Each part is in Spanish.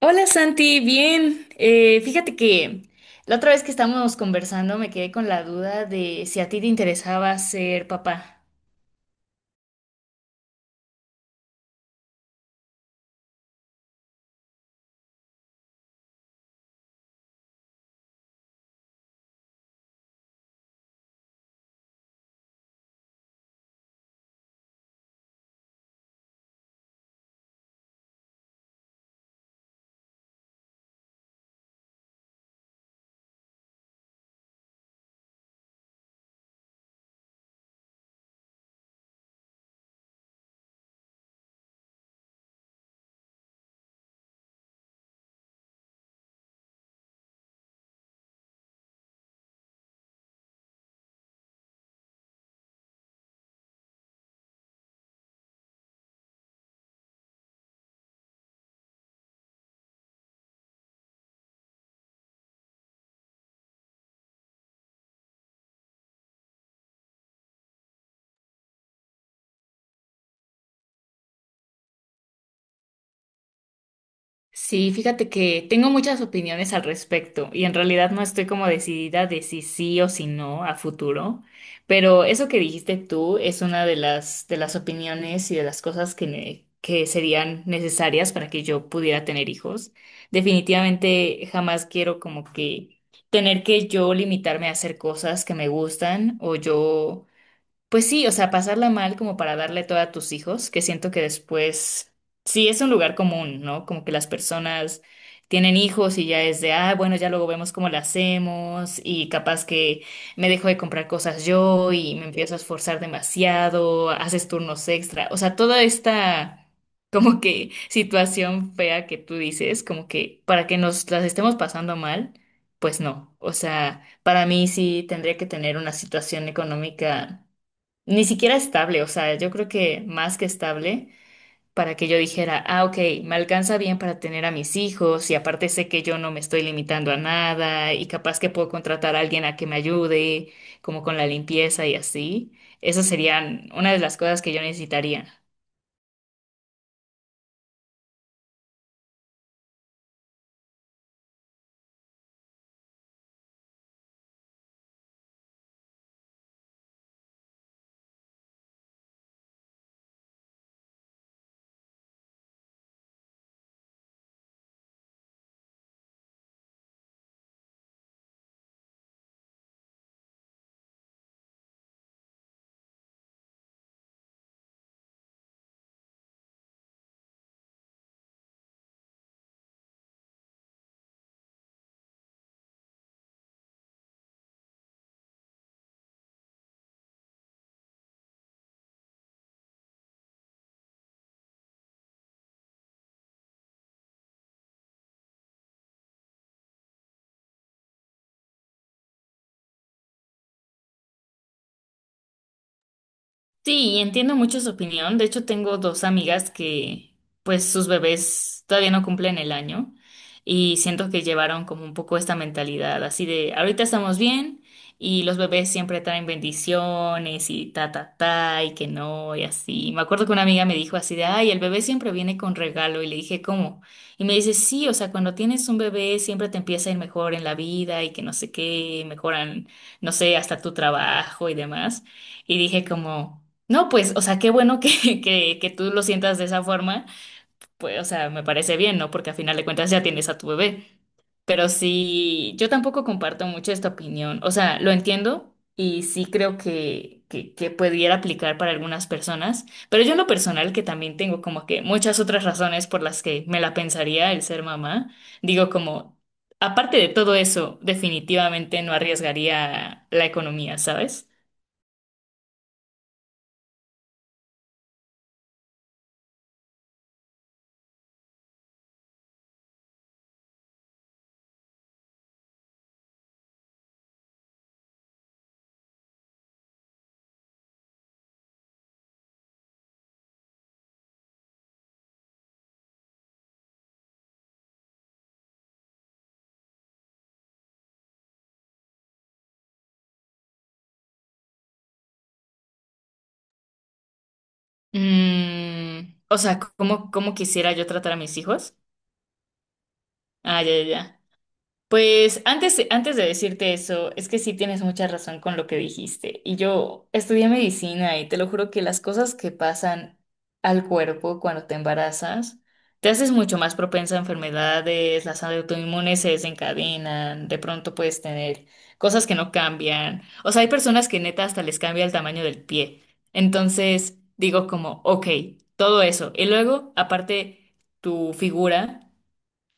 Hola Santi, bien. Fíjate que la otra vez que estábamos conversando me quedé con la duda de si a ti te interesaba ser papá. Sí, fíjate que tengo muchas opiniones al respecto y en realidad no estoy como decidida de si sí o si no a futuro, pero eso que dijiste tú es una de las opiniones y de las cosas que serían necesarias para que yo pudiera tener hijos. Definitivamente jamás quiero como que tener que yo limitarme a hacer cosas que me gustan o yo pues sí, o sea, pasarla mal como para darle todo a tus hijos, que siento que después, sí, es un lugar común, ¿no? Como que las personas tienen hijos y ya es de, ah, bueno, ya luego vemos cómo lo hacemos y capaz que me dejo de comprar cosas yo y me empiezo a esforzar demasiado, haces turnos extra, o sea, toda esta como que situación fea que tú dices, como que para que nos las estemos pasando mal, pues no, o sea, para mí sí tendría que tener una situación económica. Ni siquiera estable, o sea, yo creo que más que estable para que yo dijera, ah, ok, me alcanza bien para tener a mis hijos y aparte sé que yo no me estoy limitando a nada y capaz que puedo contratar a alguien a que me ayude, como con la limpieza y así. Esas serían una de las cosas que yo necesitaría. Sí, y entiendo mucho su opinión. De hecho, tengo dos amigas que, pues, sus bebés todavía no cumplen el año y siento que llevaron como un poco esta mentalidad así de, ahorita estamos bien y los bebés siempre traen bendiciones y ta, ta, ta, y que no, y así. Me acuerdo que una amiga me dijo así de, ay, el bebé siempre viene con regalo y le dije, ¿cómo? Y me dice, sí, o sea, cuando tienes un bebé siempre te empieza a ir mejor en la vida y que no sé qué, mejoran, no sé, hasta tu trabajo y demás. Y dije como... No, pues, o sea, qué bueno que tú lo sientas de esa forma, pues, o sea, me parece bien, ¿no? Porque a final de cuentas ya tienes a tu bebé. Pero sí, yo tampoco comparto mucho esta opinión. O sea, lo entiendo y sí creo que pudiera aplicar para algunas personas, pero yo en lo personal, que también tengo como que muchas otras razones por las que me la pensaría el ser mamá, digo como, aparte de todo eso, definitivamente no arriesgaría la economía, ¿sabes? O sea, ¿cómo, cómo quisiera yo tratar a mis hijos? Ah, ya, ya, ya. Pues antes, antes de decirte eso, es que sí tienes mucha razón con lo que dijiste. Y yo estudié medicina y te lo juro que las cosas que pasan al cuerpo cuando te embarazas, te haces mucho más propensa a enfermedades, las autoinmunes se desencadenan, de pronto puedes tener cosas que no cambian. O sea, hay personas que neta hasta les cambia el tamaño del pie. Entonces digo como, ok, todo eso. Y luego, aparte, tu figura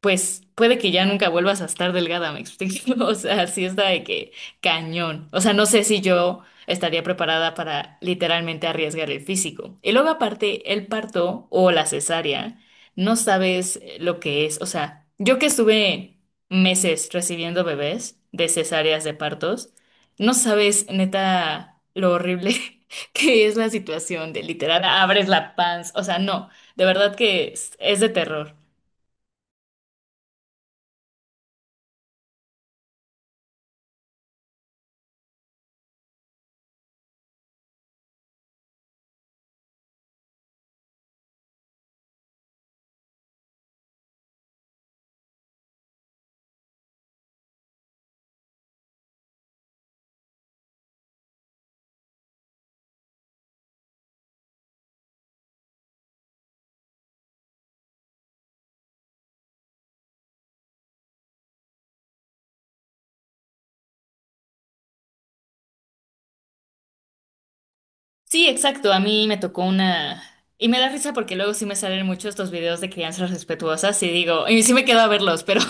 pues puede que ya nunca vuelvas a estar delgada, ¿me explico? O sea, sí está de que cañón. O sea, no sé si yo estaría preparada para literalmente arriesgar el físico. Y luego aparte, el parto o la cesárea, no sabes lo que es. O sea, yo que estuve meses recibiendo bebés de cesáreas de partos, no sabes neta lo horrible que es la situación de literal abres la panza. O sea, no, de verdad que es de terror. Sí, exacto. A mí me tocó una... Y me da risa porque luego sí me salen muchos estos videos de crianzas respetuosas y digo, y sí me quedo a verlos, pero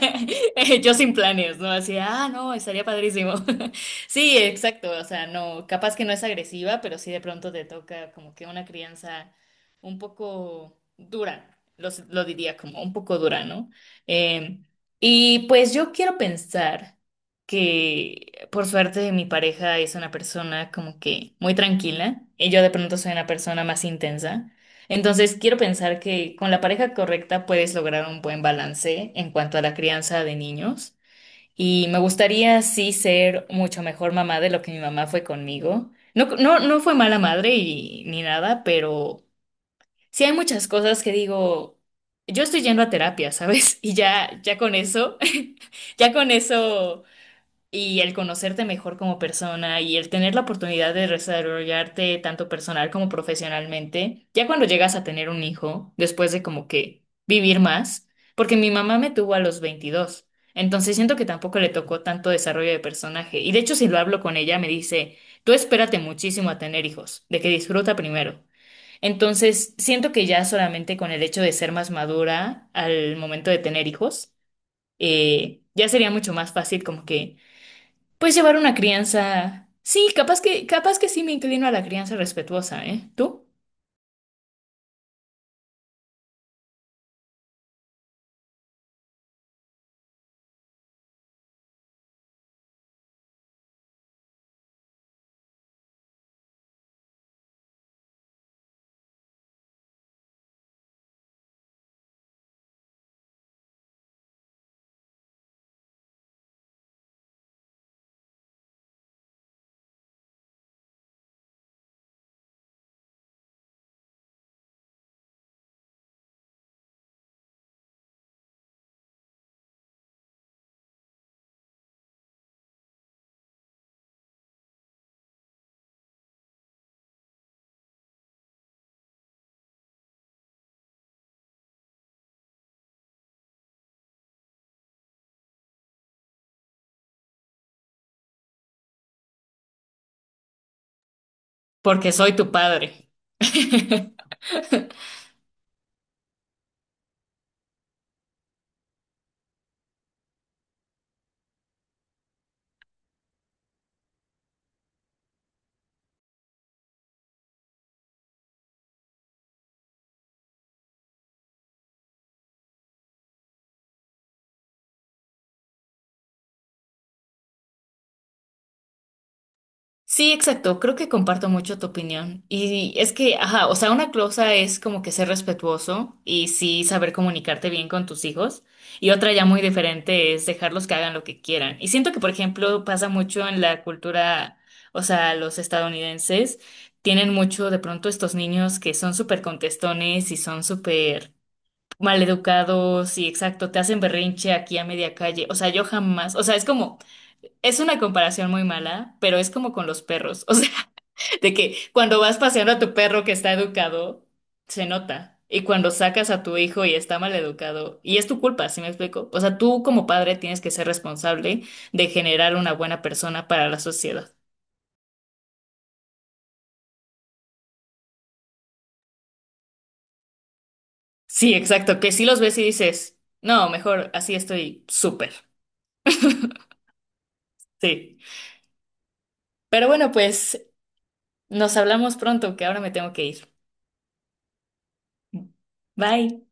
yo sin planes, ¿no? Así, ah, no, estaría padrísimo. Sí, exacto. O sea, no, capaz que no es agresiva, pero sí de pronto te toca como que una crianza un poco dura, lo, diría como un poco dura, ¿no? Eh, y pues yo quiero pensar que por suerte mi pareja es una persona como que muy tranquila y yo de pronto soy una persona más intensa. Entonces quiero pensar que con la pareja correcta puedes lograr un buen balance en cuanto a la crianza de niños y me gustaría sí ser mucho mejor mamá de lo que mi mamá fue conmigo. No, no, no fue mala madre y, ni nada, pero sí hay muchas cosas que digo, yo estoy yendo a terapia, ¿sabes? Y ya, ya con eso, ya con eso y el conocerte mejor como persona y el tener la oportunidad de desarrollarte tanto personal como profesionalmente, ya cuando llegas a tener un hijo, después de como que vivir más, porque mi mamá me tuvo a los 22, entonces siento que tampoco le tocó tanto desarrollo de personaje y de hecho si lo hablo con ella me dice, tú espérate muchísimo a tener hijos, de que disfruta primero. Entonces, siento que ya solamente con el hecho de ser más madura al momento de tener hijos, ya sería mucho más fácil como que pues llevar una crianza. Sí, capaz que sí me inclino a la crianza respetuosa, ¿eh? ¿Tú? Porque soy tu padre. Sí, exacto. Creo que comparto mucho tu opinión. Y es que, ajá, o sea, una cosa es como que ser respetuoso y sí saber comunicarte bien con tus hijos. Y otra ya muy diferente es dejarlos que hagan lo que quieran. Y siento que, por ejemplo, pasa mucho en la cultura, o sea, los estadounidenses tienen mucho de pronto estos niños que son súper contestones y son súper maleducados y exacto, te hacen berrinche aquí a media calle. O sea, yo jamás, o sea, es como... Es una comparación muy mala, pero es como con los perros. O sea, de que cuando vas paseando a tu perro que está educado, se nota. Y cuando sacas a tu hijo y está mal educado, y es tu culpa, ¿sí me explico? O sea, tú como padre tienes que ser responsable de generar una buena persona para la sociedad. Sí, exacto, que si los ves y dices, no, mejor así estoy súper. Sí. Pero bueno, pues nos hablamos pronto, que ahora me tengo que ir. Bye.